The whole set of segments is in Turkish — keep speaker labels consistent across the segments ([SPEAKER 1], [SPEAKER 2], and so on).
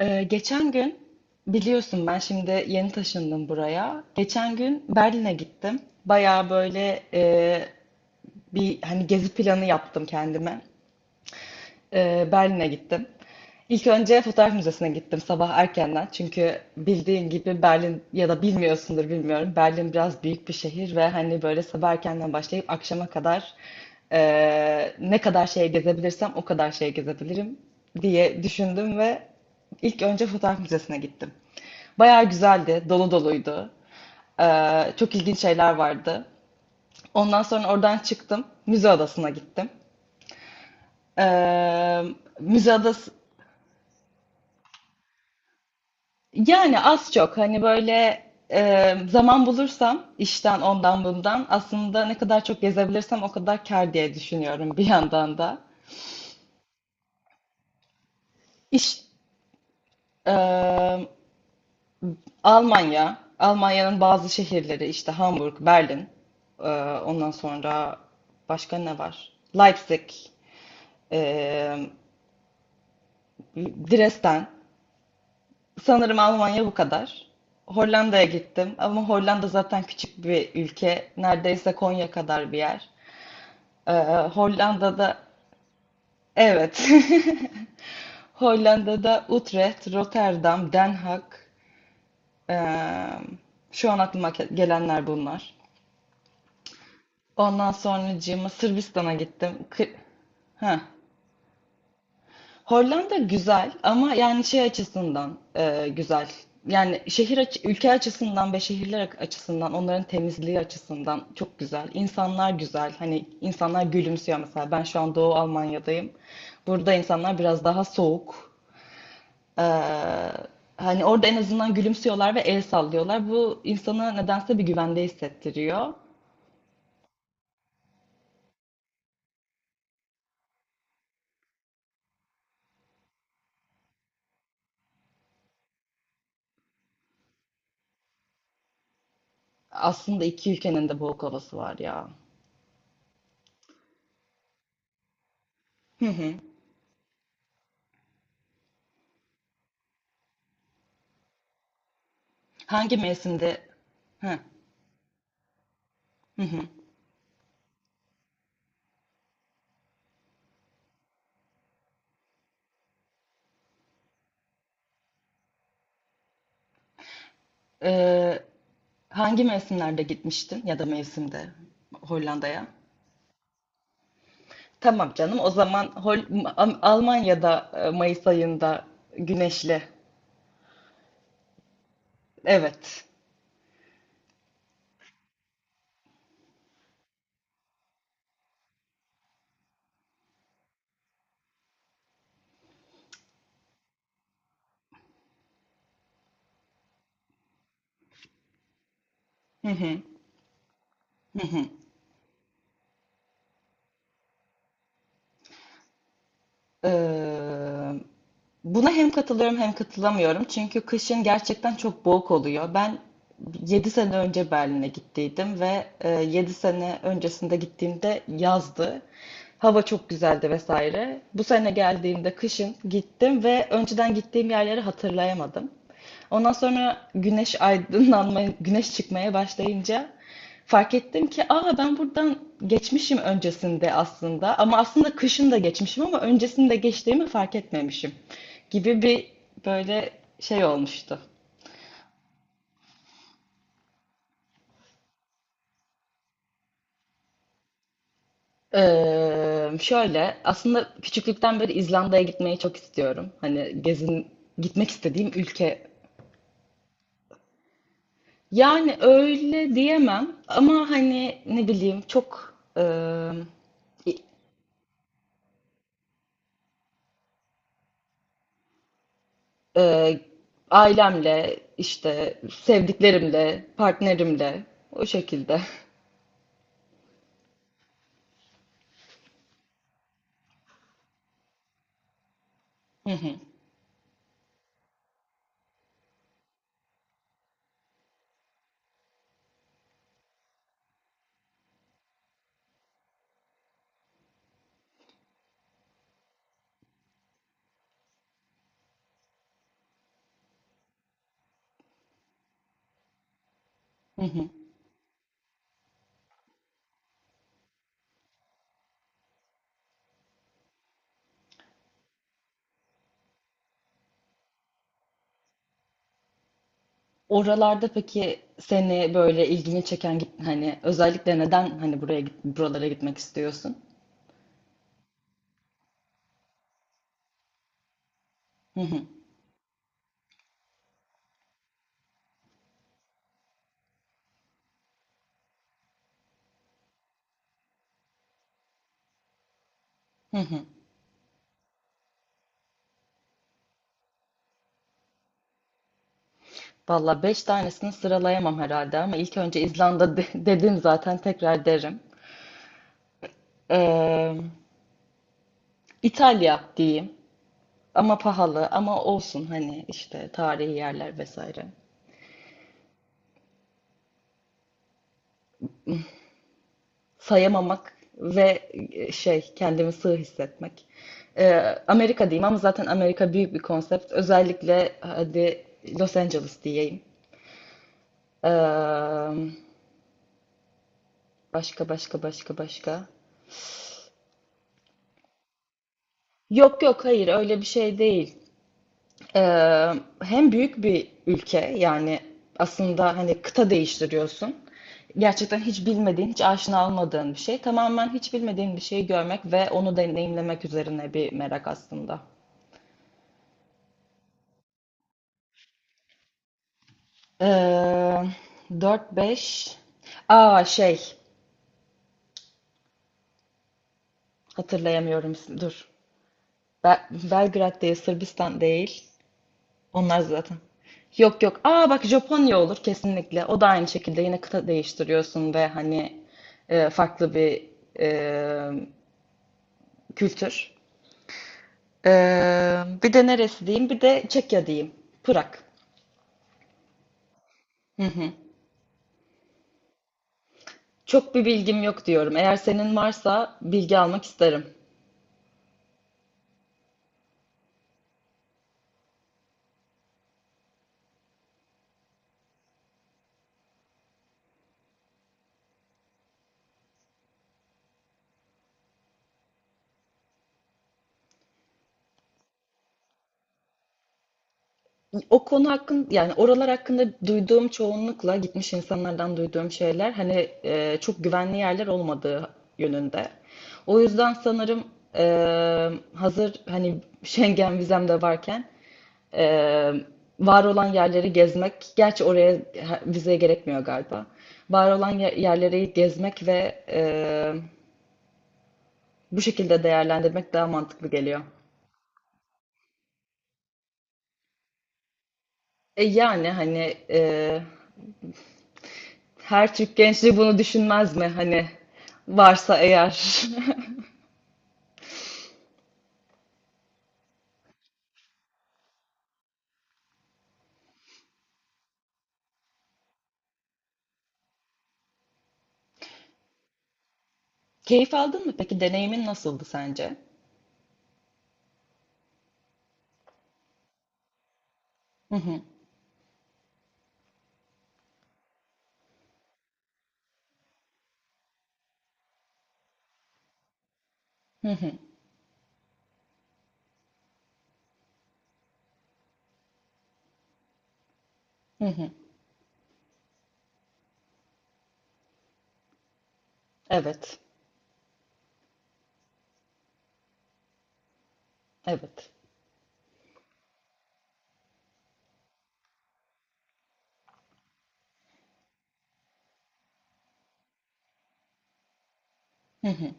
[SPEAKER 1] Geçen gün biliyorsun ben şimdi yeni taşındım buraya. Geçen gün Berlin'e gittim. Bayağı böyle bir hani gezi planı yaptım kendime. Berlin'e gittim. İlk önce fotoğraf müzesine gittim sabah erkenden. Çünkü bildiğin gibi Berlin ya da bilmiyorsundur bilmiyorum. Berlin biraz büyük bir şehir ve hani böyle sabah erkenden başlayıp akşama kadar e, ne kadar şey gezebilirsem o kadar şey gezebilirim diye düşündüm ve ilk önce fotoğraf müzesine gittim. Bayağı güzeldi, dolu doluydu. Çok ilginç şeyler vardı. Ondan sonra oradan çıktım, müze adasına gittim. Ee, Müze adası. Yani az çok hani böyle zaman bulursam işten ondan bundan aslında ne kadar çok gezebilirsem o kadar kâr diye düşünüyorum bir yandan da. İş e, Almanya, Almanya'nın bazı şehirleri işte Hamburg, Berlin, e, ondan sonra başka ne var? Leipzig, e, Dresden. Sanırım Almanya bu kadar. Hollanda'ya gittim ama Hollanda zaten küçük bir ülke. Neredeyse Konya kadar bir yer. Ee, Hollanda'da evet. Hollanda'da Utrecht, Rotterdam, Den Haag. ee, Şu an aklıma gelenler bunlar. Ondan sonracığıma Sırbistan'a gittim. Ha. Hollanda güzel ama yani şey açısından güzel. Yani şehir ülke açısından ve şehirler açısından onların temizliği açısından çok güzel. İnsanlar güzel. Hani insanlar gülümsüyor mesela. Ben şu an Doğu Almanya'dayım. Burada insanlar biraz daha soğuk. Ee, Hani orada en azından gülümsüyorlar ve el sallıyorlar. Bu insana nedense bir güvende hissettiriyor. Aslında iki ülkenin de boğuk havası var ya. Hı hı. Hangi mevsimde? Hı hı. Hı. Ee, Hangi mevsimlerde gitmiştin ya da mevsimde Hollanda'ya? Tamam canım. O zaman Almanya'da Mayıs ayında güneşli. Evet. Hı hı. Hı hı. Ee, Buna hem katılıyorum hem katılamıyorum. Çünkü kışın gerçekten çok boğuk oluyor. Ben 7 sene önce Berlin'e gittiydim ve 7 sene öncesinde gittiğimde yazdı. Hava çok güzeldi vesaire. Bu sene geldiğimde kışın gittim ve önceden gittiğim yerleri hatırlayamadım. Ondan sonra güneş aydınlanmaya, güneş çıkmaya başlayınca fark ettim ki aa ben buradan geçmişim öncesinde aslında ama aslında kışın da geçmişim ama öncesinde geçtiğimi fark etmemişim gibi bir böyle şey olmuştu. Şöyle aslında küçüklükten beri İzlanda'ya gitmeyi çok istiyorum. Hani gezin gitmek istediğim ülke. Yani öyle diyemem ama hani ne bileyim çok Ee, ailemle, işte sevdiklerimle, partnerimle o şekilde. Hı hı, hı hı. Oralarda peki seni böyle ilgini çeken hani özellikle neden hani buraya buralara gitmek istiyorsun? Hı hı, hı hı. Valla beş tanesini sıralayamam herhalde ama ilk önce İzlanda dedim zaten tekrar derim. Ee, İtalya diyeyim ama pahalı ama olsun hani işte tarihi yerler vesaire. Sayamamak ve şey kendimi sığ hissetmek. Ee, Amerika diyeyim ama zaten Amerika büyük bir konsept. Özellikle hadi Los Angeles diyeyim. Ee, Başka başka başka başka. Yok yok hayır öyle bir şey değil. Ee, Hem büyük bir ülke yani aslında hani kıta değiştiriyorsun. Gerçekten hiç bilmediğin, hiç aşina olmadığın bir şey. Tamamen hiç bilmediğin bir şeyi görmek ve onu deneyimlemek üzerine bir merak aslında. Ee, 4-5. Aa şey hatırlayamıyorum. Dur. Be- Belgrad değil, Sırbistan değil. Onlar zaten. Yok yok. Aa bak Japonya olur kesinlikle. O da aynı şekilde yine kıta değiştiriyorsun ve hani farklı bir e, kültür. Bir de neresi diyeyim? Bir de Çekya diyeyim. Prag. Hı hı. Çok bir bilgim yok diyorum. Eğer senin varsa bilgi almak isterim. O konu hakkında yani oralar hakkında duyduğum çoğunlukla gitmiş insanlardan duyduğum şeyler hani çok güvenli yerler olmadığı yönünde. O yüzden sanırım e, hazır hani Schengen vizem de varken e, var olan yerleri gezmek, gerçi oraya vize gerekmiyor galiba. Var olan yerleri gezmek ve bu şekilde değerlendirmek daha mantıklı geliyor. Yani hani her Türk gençliği bunu düşünmez mi? Hani varsa eğer. Keyif aldın mı peki? Deneyimin nasıldı sence? Hı hı. Hı hı. Hı hı. Evet. Evet. Hı hı.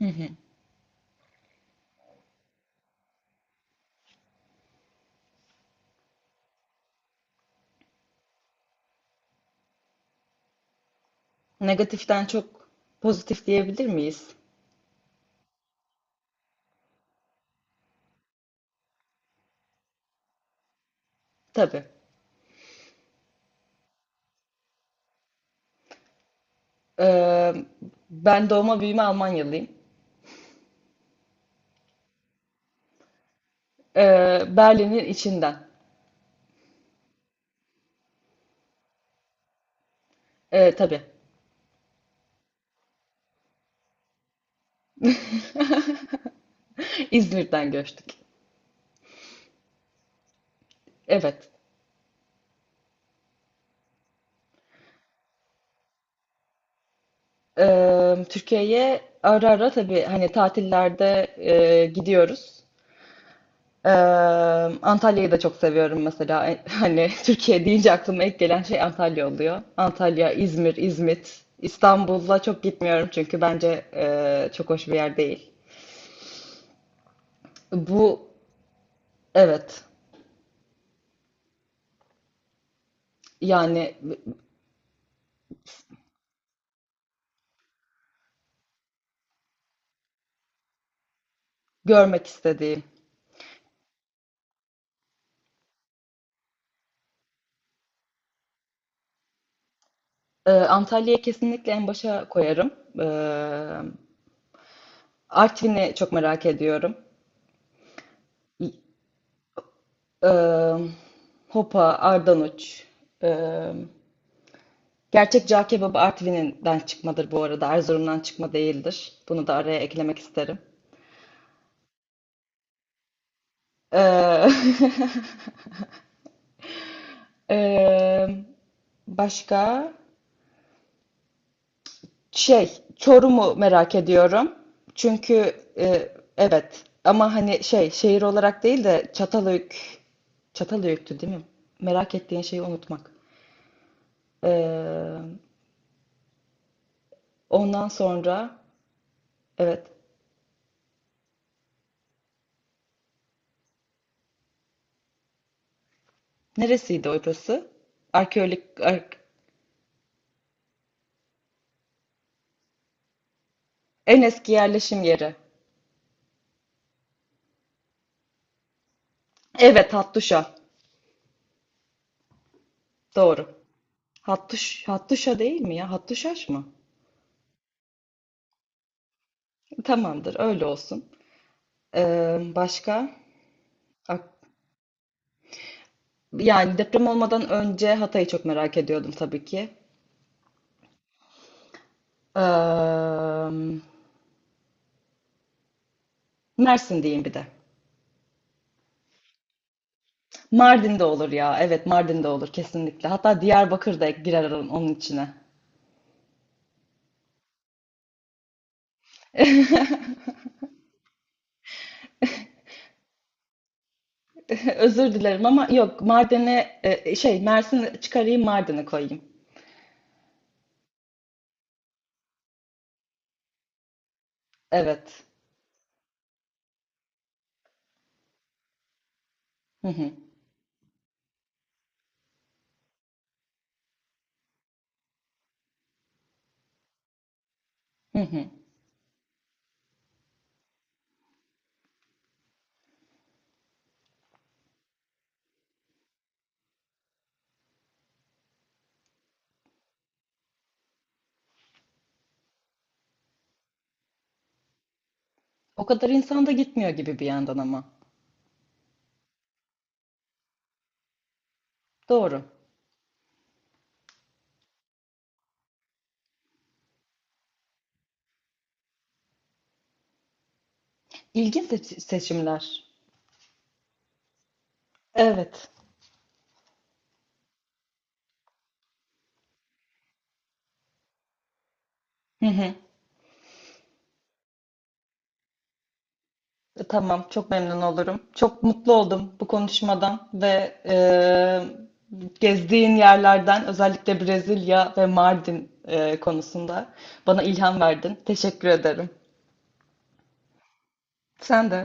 [SPEAKER 1] Hı hı. Negatiften çok pozitif diyebilir miyiz? Tabii. Ee, Ben doğma büyüme Almanyalıyım. Berlin'in içinden. Tabii. İzmir'den göçtük. Evet. Türkiye'ye ara ara tabii hani tatillerde gidiyoruz. Ee, Antalya'yı da çok seviyorum mesela. Hani Türkiye deyince aklıma ilk gelen şey Antalya oluyor. Antalya, İzmir, İzmit. İstanbul'a çok gitmiyorum çünkü bence çok hoş bir yer değil. Bu evet yani görmek istediğim. Antalya'yı kesinlikle en başa koyarım. Ee, Artvin'i çok merak ediyorum. Ee, Hopa, Ardanuç. Ee, Gerçek cağ kebabı Artvin'den çıkmadır bu arada. Erzurum'dan çıkma değildir. Bunu da araya eklemek isterim. Ee, ee, başka şey Çorum'u merak ediyorum. Çünkü e, evet ama hani şey şehir olarak değil de Çatalhöyük Çatalhöyük'tü değil mi? Merak ettiğin şeyi unutmak. Ee, Ondan sonra evet neresiydi orası? Arkeolojik en eski yerleşim yeri. Evet Hattuşa. Doğru. Hattuş, Hattuşa değil mi ya? Hattuşaş mı? Tamamdır öyle olsun. Başka? Ak- Yani deprem olmadan önce Hatay'ı çok merak ediyordum tabii ki. Ee, Mersin diyeyim bir de. Mardin'de olur ya. Evet Mardin'de olur kesinlikle. Hatta Diyarbakır da girer onun içine. Özür dilerim ama yok Mardin'e şey Mersin'i çıkarayım Mardin'i koyayım. Evet. Hı hı. Hı hı. O kadar insan da gitmiyor gibi bir yandan ama. Doğru. İlginç seçimler. Evet. Hı hı. Tamam, çok memnun olurum. Çok mutlu oldum bu konuşmadan ve e, gezdiğin yerlerden özellikle Brezilya ve Mardin konusunda bana ilham verdin. Teşekkür ederim. Sen de.